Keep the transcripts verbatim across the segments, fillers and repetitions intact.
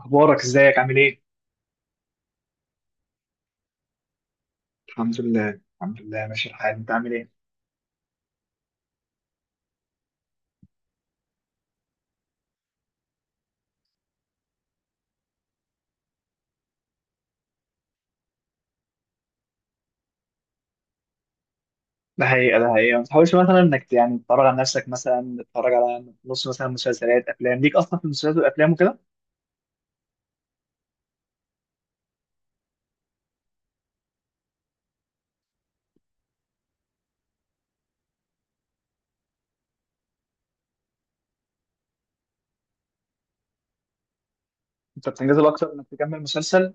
اخبارك، ازيك؟ عامل ايه؟ الحمد لله الحمد لله، ماشي الحال. انت عامل ايه؟ ده حقيقة ده حقيقة ما تحاولش مثلا انك يعني تتفرج على نفسك؟ مثلا تتفرج على نص، مثلا، مسلسلات، افلام؟ ليك اصلا في المسلسلات والافلام وكده؟ انت بتنجذب اكتر انك تكمل مسلسل؟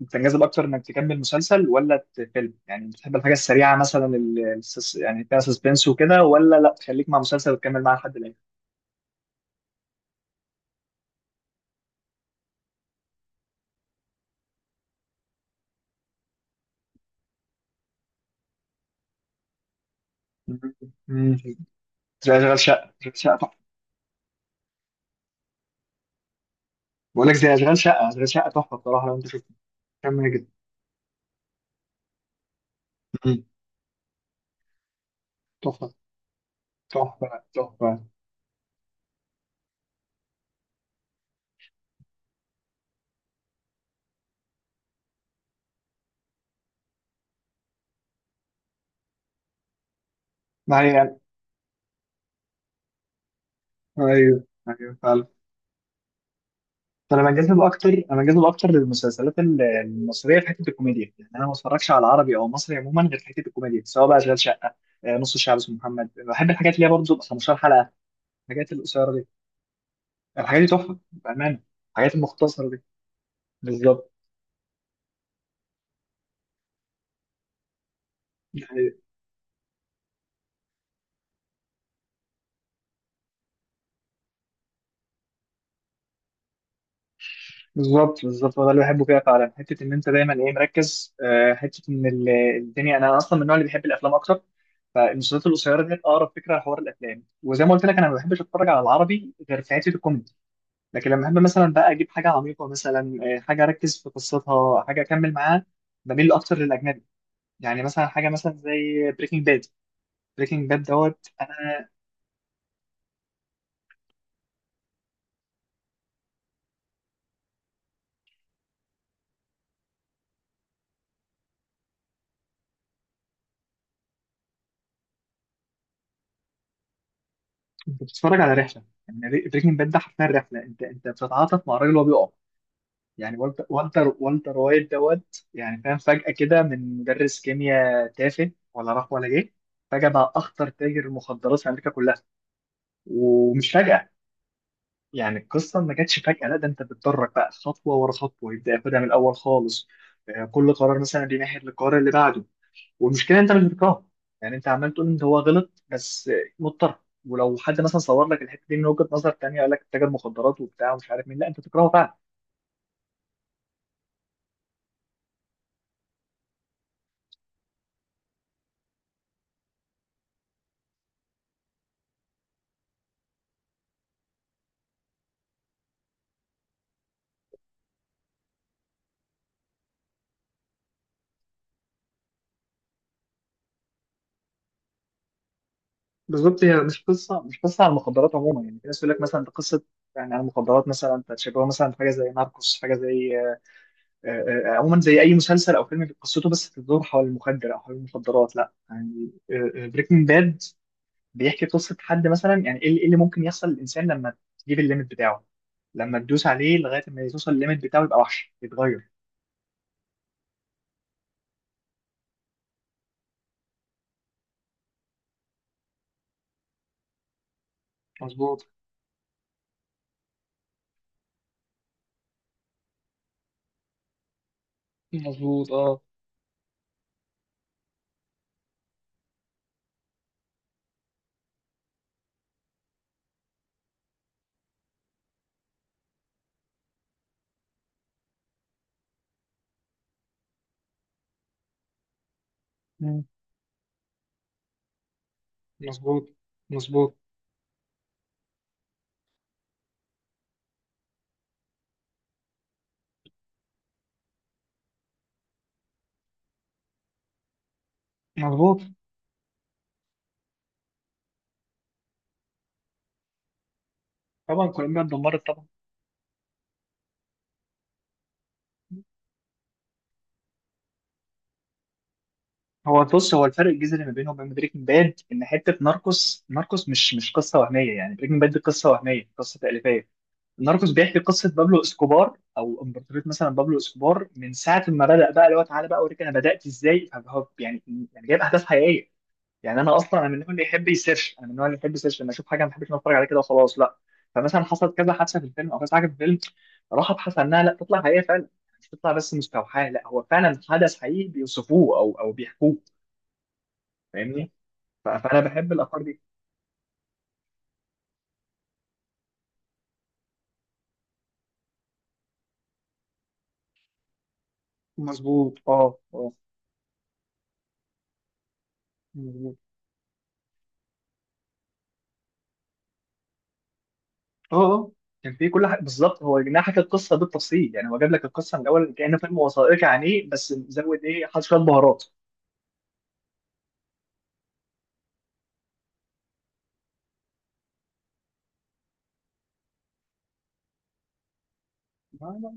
بتنجذب اكتر انك تكمل مسلسل ولا ت- فيلم؟ يعني بتحب الحاجة السريعة، مثلا، ال- السس- يعني فيها سسبنس وكده، ولا لا تخليك مع مسلسل وتكمل معاه لحد الاخر؟ مم. مم. زي اشغال شقة، اشغال شقة تحفة. بقول لك زي اشغال شقة، اشغال شقة تحفة بصراحة، لو انت شفته كمل جدا. مم. تحفة. تحفة تحفة. ما هي أيوه، أيوه فعلا. أنا بنجذب أكتر أنا بنجذب أكتر للمسلسلات ال- المصرية في حتة الكوميديا. يعني أنا ما بتفرجش على عربي أو مصري عموما غير في حتة الكوميديا، سواء بقى أشغال شقة، آه، نص الشعب اسمه محمد. بحب الحاجات اللي هي برضه بتبقى 15 حلقة، الحاجات القصيرة دي. الحاجات دي تحفة بأمانة. الحاجات المختصرة دي بالظبط. بالظبط بالظبط، هو ده اللي بحبه فيها فعلا، حته ان انت دايما ايه، مركز. آه، حته ان ال- الدنيا. انا اصلا من النوع اللي بيحب الافلام اكتر، فالمسلسلات القصيره دي اقرب فكره لحوار الافلام. وزي ما قلت لك، انا ما بحبش اتفرج على العربي غير في حته الكوميدي. لكن لما احب مثلا بقى اجيب حاجه عميقه، مثلا، آه، حاجه اركز في قصتها، حاجه اكمل معاها، بميل اكتر للاجنبي. يعني مثلا حاجه مثلا زي بريكنج باد. بريكنج باد دوت. انا انت بتتفرج على رحله، يعني بريكنج باد ده حرفيا رحله. انت انت بتتعاطف مع الراجل وهو بيقع، يعني. والتر والتر والتر وايت دوت، يعني، فاهم؟ فجأة كده، من مدرس كيمياء تافه ولا راح ولا جه، فجأة بقى أخطر تاجر مخدرات في أمريكا كلها. ومش فجأة، يعني القصة ما جاتش فجأة، لا، ده أنت بتدرج بقى خطوة ورا خطوة. يبدأ ياخدها من الأول خالص. آه، كل قرار مثلا بيمهد للقرار اللي بعده. والمشكلة أنت مش بتكرهه. يعني أنت عمال تقول أنت هو غلط، بس آه، مضطر. ولو حد مثلا صور لك الحتة دي من وجهة نظر تانية، قال لك تاجر مخدرات وبتاع ومش عارف مين، لا، أنت تكرهه فعلا. بالظبط. هي مش قصه مش قصه على المخدرات عموما. يعني في ناس يقول لك مثلا دي قصه يعني على المخدرات، مثلا انت تشبهه مثلا في حاجه زي ناركوس، حاجه زي، آه، آه، آه، عموما، زي اي مسلسل او فيلم قصته بس بتدور حول المخدر او حول المخدرات. لا، يعني بريكنج باد بيحكي قصه حد، مثلا، يعني ايه، إيه اللي ممكن يحصل للانسان لما تجيب الليميت بتاعه؟ لما تدوس عليه لغايه ما توصل الليميت بتاعه، يبقى وحش، يتغير. مظبوط. مظبوط اه. مم. مظبوط. مظبوط. مظبوط. طبعا كولومبيا اتدمرت طبعا. هو بص، هو الفرق الجذري ما بينه وبين بريكنج باد ان حته ناركوس، ناركوس مش مش قصه وهميه، يعني بريكنج باد دي قصه وهميه، قصه تأليفيه. ناركوس بيحكي قصه بابلو اسكوبار، او امبراطوريه مثلا بابلو اسكوبار، من ساعه ما بدأ، بقى، اللي هو، تعالى بقى اوريك انا بدأت ازاي. فهو يعني، يعني جايب احداث حقيقيه. يعني انا اصلا، انا من النوع اللي يحب يسيرش انا من النوع اللي يحب يسيرش. لما اشوف حاجه ما بحبش إن أنا اتفرج عليها كده وخلاص، لا. فمثلا حصلت كذا حادثه في الفيلم، او كذا حاجه في الفيلم، راح ابحث عنها. لا، تطلع حقيقيه فعلا. مش تطلع بس مستوحاه، لا، هو فعلا حدث حقيقي بيوصفوه او او بيحكوه. فاهمني؟ ف- فانا بحب الافكار دي. مظبوط اه اه. مظبوط اه. آه. كان في كل حاجه بالظبط. هو جناح حكى القصه بالتفصيل. يعني هو جاب لك القصه من الاول، كانه فيلم وثائقي عن ايه، بس زود ايه، حط شويه بهارات. ما- ما-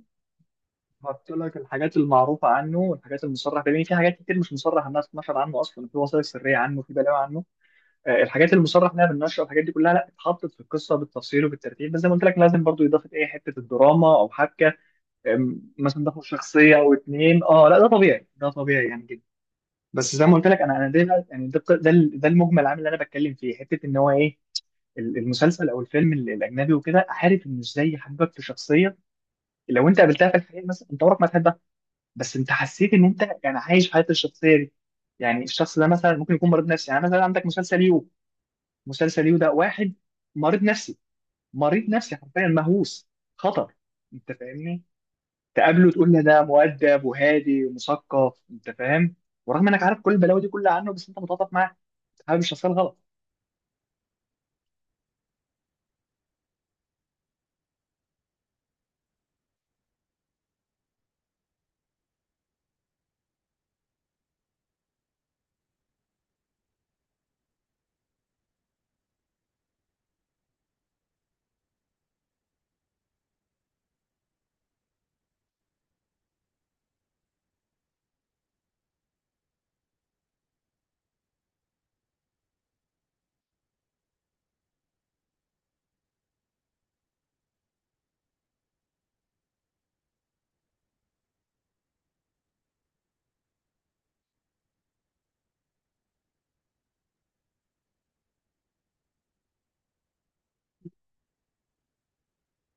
حط لك الحاجات المعروفه عنه، والحاجات المصرح بيه في حاجات كتير مش مصرح انها تتنشر عنه، اصلا في وثائق سريه عنه، في بلاوي عنه. آه، الحاجات المصرح انها بالنشر والحاجات دي كلها، لا، اتحطت في القصه بالتفصيل وبالترتيب. بس زي ما قلت لك، لازم برضو اضافه ايه، حته الدراما او حبكه. أم، مثلا تاخد شخصيه او اتنين، اه، لا، ده طبيعي، ده طبيعي يعني جدا. بس زي ما قلت لك، انا انا ده يعني ده ده ده المجمل العام اللي انا بتكلم فيه، حته ان هو ايه، ال- المسلسل او الفيلم ال- الاجنبي وكده. عارف ان ازاي حبك في شخصيه لو انت قابلتها في الحقيقه مثلا انت عمرك ما تحبها، بس انت حسيت ان انت يعني عايش حياه الشخصيه دي. يعني الشخص ده مثلا ممكن يكون مريض نفسي. يعني مثلا عندك مسلسل يو. مسلسل يو ده واحد مريض نفسي، مريض نفسي حرفيا، مهووس، خطر. انت فاهمني؟ تقابله تقول لي ده مؤدب وهادي ومثقف، انت فاهم. ورغم انك عارف كل البلاوي دي كلها عنه، بس انت متعاطف معاه، حابب الشخصيه الغلط.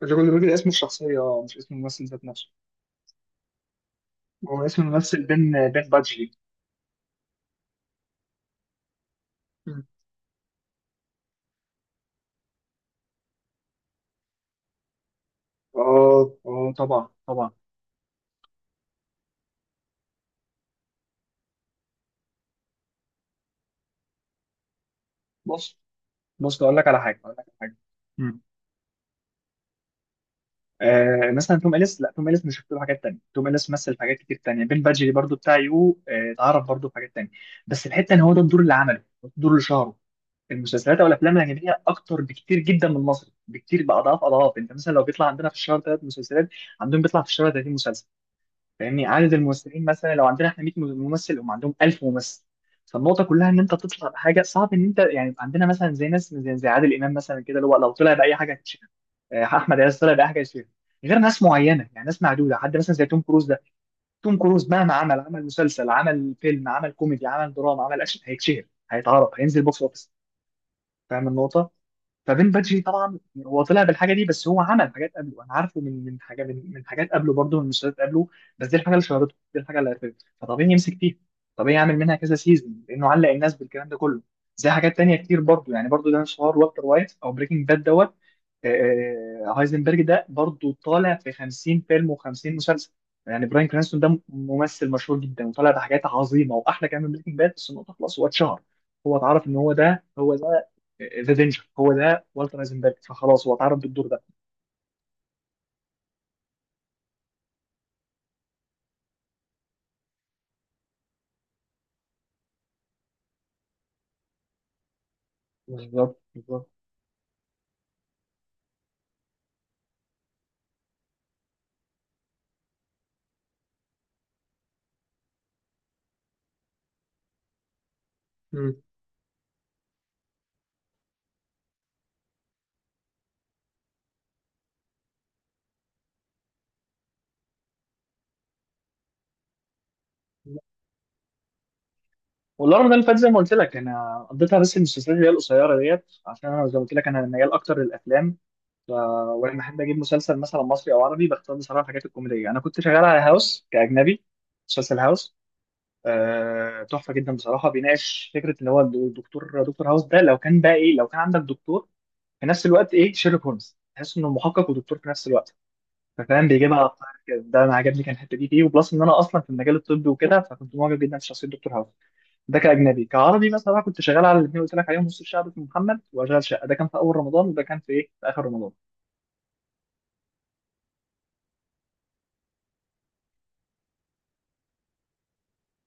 الراجل الراجل اسمه الشخصيه، مش اسم الممثل ذات نفسه. هو اسم الممثل بين بين بادجلي. مم. اه اه، طبعا طبعا. بص بص اقول لك على حاجه اقول لك على حاجه مم. آه، مثلا توم اليس، لا، توم اليس مش شفت له حاجات تانية. توم اليس مثل في حاجات كتير تانية. بين بادجلي برضو بتاع يو، آه، اتعرف برضو في حاجات تانية. بس الحته ان هو ده الدور اللي عمله، الدور اللي شهره. المسلسلات او الافلام الاجنبيه اكتر بكتير جدا من المصري، بكتير، باضعاف اضعاف. انت مثلا لو بيطلع عندنا في الشهر ثلاث مسلسلات، عندهم بيطلع في الشهر 30 مسلسل. فاهمني؟ عدد الممثلين مثلا لو عندنا احنا 100 ممثل، هم عندهم 1000 ممثل. فالنقطه كلها ان انت تطلع بحاجه، صعب ان انت يعني. عندنا مثلا زي ناس زي, زي عادل امام مثلا كده، اللي هو لو طلع باي حاجه هتتشهر. آه، احمد عز طلع باي حاجه هتتشهر. غير ناس معينه، يعني ناس معدوده، حد مثلا زي توم كروز ده. توم كروز مهما عمل، عمل مسلسل، عمل فيلم، عمل كوميدي، عمل دراما، عمل اكشن، هيتشهر، هيتعرف، هينزل بوكس اوفيس. فاهم النقطه؟ فبن باتشي طبعا هو طلع بالحاجه دي، بس هو عمل حاجات قبله. انا عارفه من من حاجه من, من حاجات قبله برضه، من مسلسلات قبله. بس دي الحاجه اللي شهرته، دي الحاجه اللي عرفته. فطبيعي يمسك فيها، طبيعي يعمل منها كذا سيزون لانه علق الناس بالكلام ده كله. زي حاجات تانية كتير برضه، يعني برضه ده شهر والتر وايت او بريكنج باد دوت. آه، آه، هايزنبرج ده برضه طالع في 50 فيلم و50 مسلسل. يعني براين كرانستون ده ممثل مشهور جدا، وطالع بحاجات عظيمه واحلى كمان من بريكنج باد، بس النقطه خلاص، هو اتشهر، هو اتعرف ان هو ده، هو ده ذا دينجر، هو ده والتر ايزنبرج. فخلاص، هو اتعرض بالدور ده. بالظبط بالظبط. مم. والارم ده اللي فات زي ما قلت لك انا قضيتها بس المسلسلات اللي هي القصيره ديت، عشان انا زي ما قلت لك انا ميال اكتر للافلام. ف... ولما احب اجيب مسلسل مثلا مصري او عربي بختار بصراحه الحاجات الكوميديه. انا كنت شغال على هاوس كاجنبي، مسلسل هاوس. آه، تحفه جدا بصراحه. بيناقش فكره اللي هو الدكتور، دكتور هاوس ده، لو كان بقى ايه، لو كان عندك دكتور في نفس الوقت ايه، شيرلوك هولمز. تحس انه محقق ودكتور في نفس الوقت. فاهم؟ بيجيبها على الطاير كده. ده انا عجبني كان الحته دي فيه، وبلس ان انا اصلا في المجال الطبي وكده، فكنت معجب جدا بشخصيه دكتور هاوس. ده كاجنبي. كعربي مثلا أنا كنت شغال على الاثنين قلت لك عليهم: نص الشعب اسمه محمد واشغال شقه. ده كان في اول رمضان، وده كان في ايه، في اخر رمضان.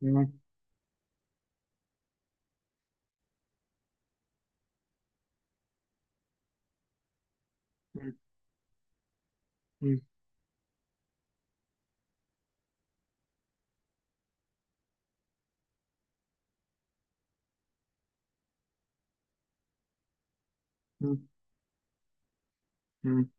مم. مم. مم. مم. مم.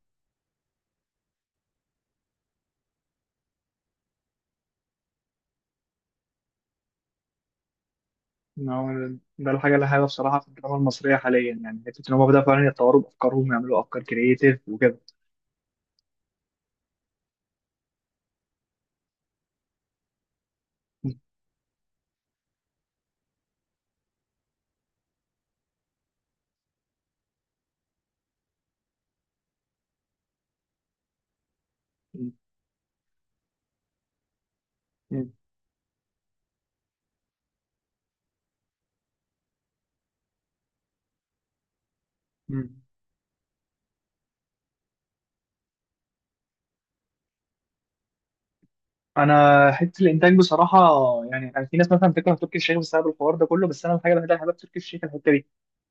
هو ده الحاجه اللي حلوه بصراحه في الدراما المصريه حاليا، يعني حته ان هم بداوا فعلا يتطوروا بافكارهم ويعملوا افكار كرييتيف وكده. مم. مم. مم. انا حته الانتاج بصراحه. يعني انا في ناس مثلا بتكره تركي الشيخ بسبب الحوار ده كله، بس انا الحاجه الوحيده اللي حابب تركي الشيخ الحته دي.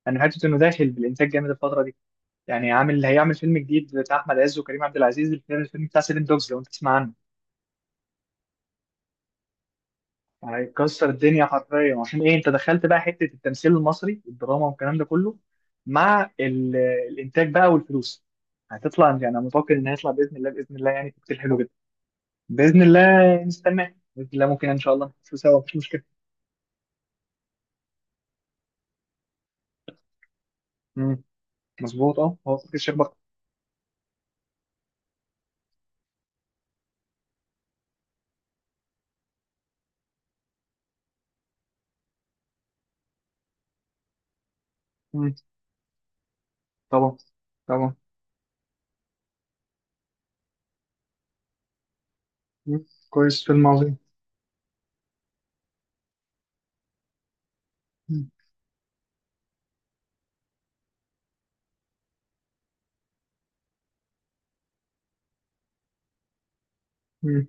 انا حاسس انه داخل بالانتاج جامد الفتره دي. يعني عامل اللي هيعمل فيلم جديد بتاع احمد عز وكريم عبد العزيز، الفيلم، الفيلم بتاع سيفن دوجز، لو انت تسمع عنه. يعني هيكسر الدنيا حرفيا، عشان ايه، انت دخلت بقى حته التمثيل المصري، الدراما والكلام ده كله، مع ال- الانتاج بقى والفلوس، هتطلع. يعني انا متوقع ان هيطلع باذن الله، باذن الله، يعني كتير حلو جدا. باذن الله نستناه، باذن الله، ممكن ان شاء الله نشوفه سوا، مفيش مشكله. امم، مظبوط اه. هو فكرة الشيخ بكر. امم. طبعا طبعا. مم. كويس، فيلم عظيم. مم. مم.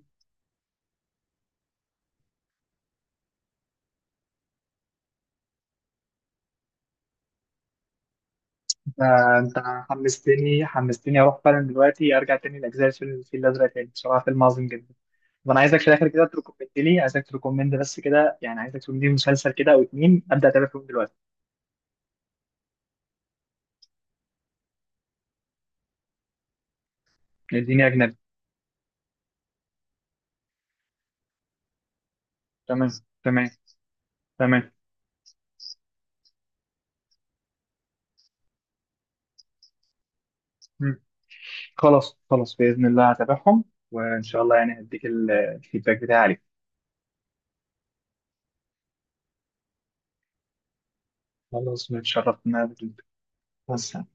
آه، انت حمستني، حمستني اروح فعلا دلوقتي ارجع تاني لاجزاء الفيل الفيل الازرق تاني. بصراحه فيلم عظيم جدا. وانا عايزك في الاخر كده تركومند لي، عايزك تركومند بس كده، يعني عايزك تقول لي مسلسل كده او اتنين ابدا اتابع فيهم دلوقتي. اديني اجنبي. تمام تمام تمام. مم. خلاص خلاص، باذن الله هتابعهم. وان شاء الله يعني هديك ال- الفيدباك بتاعي عليك. خلاص، متشرفت إن أنا قابلتك. مع السلامة.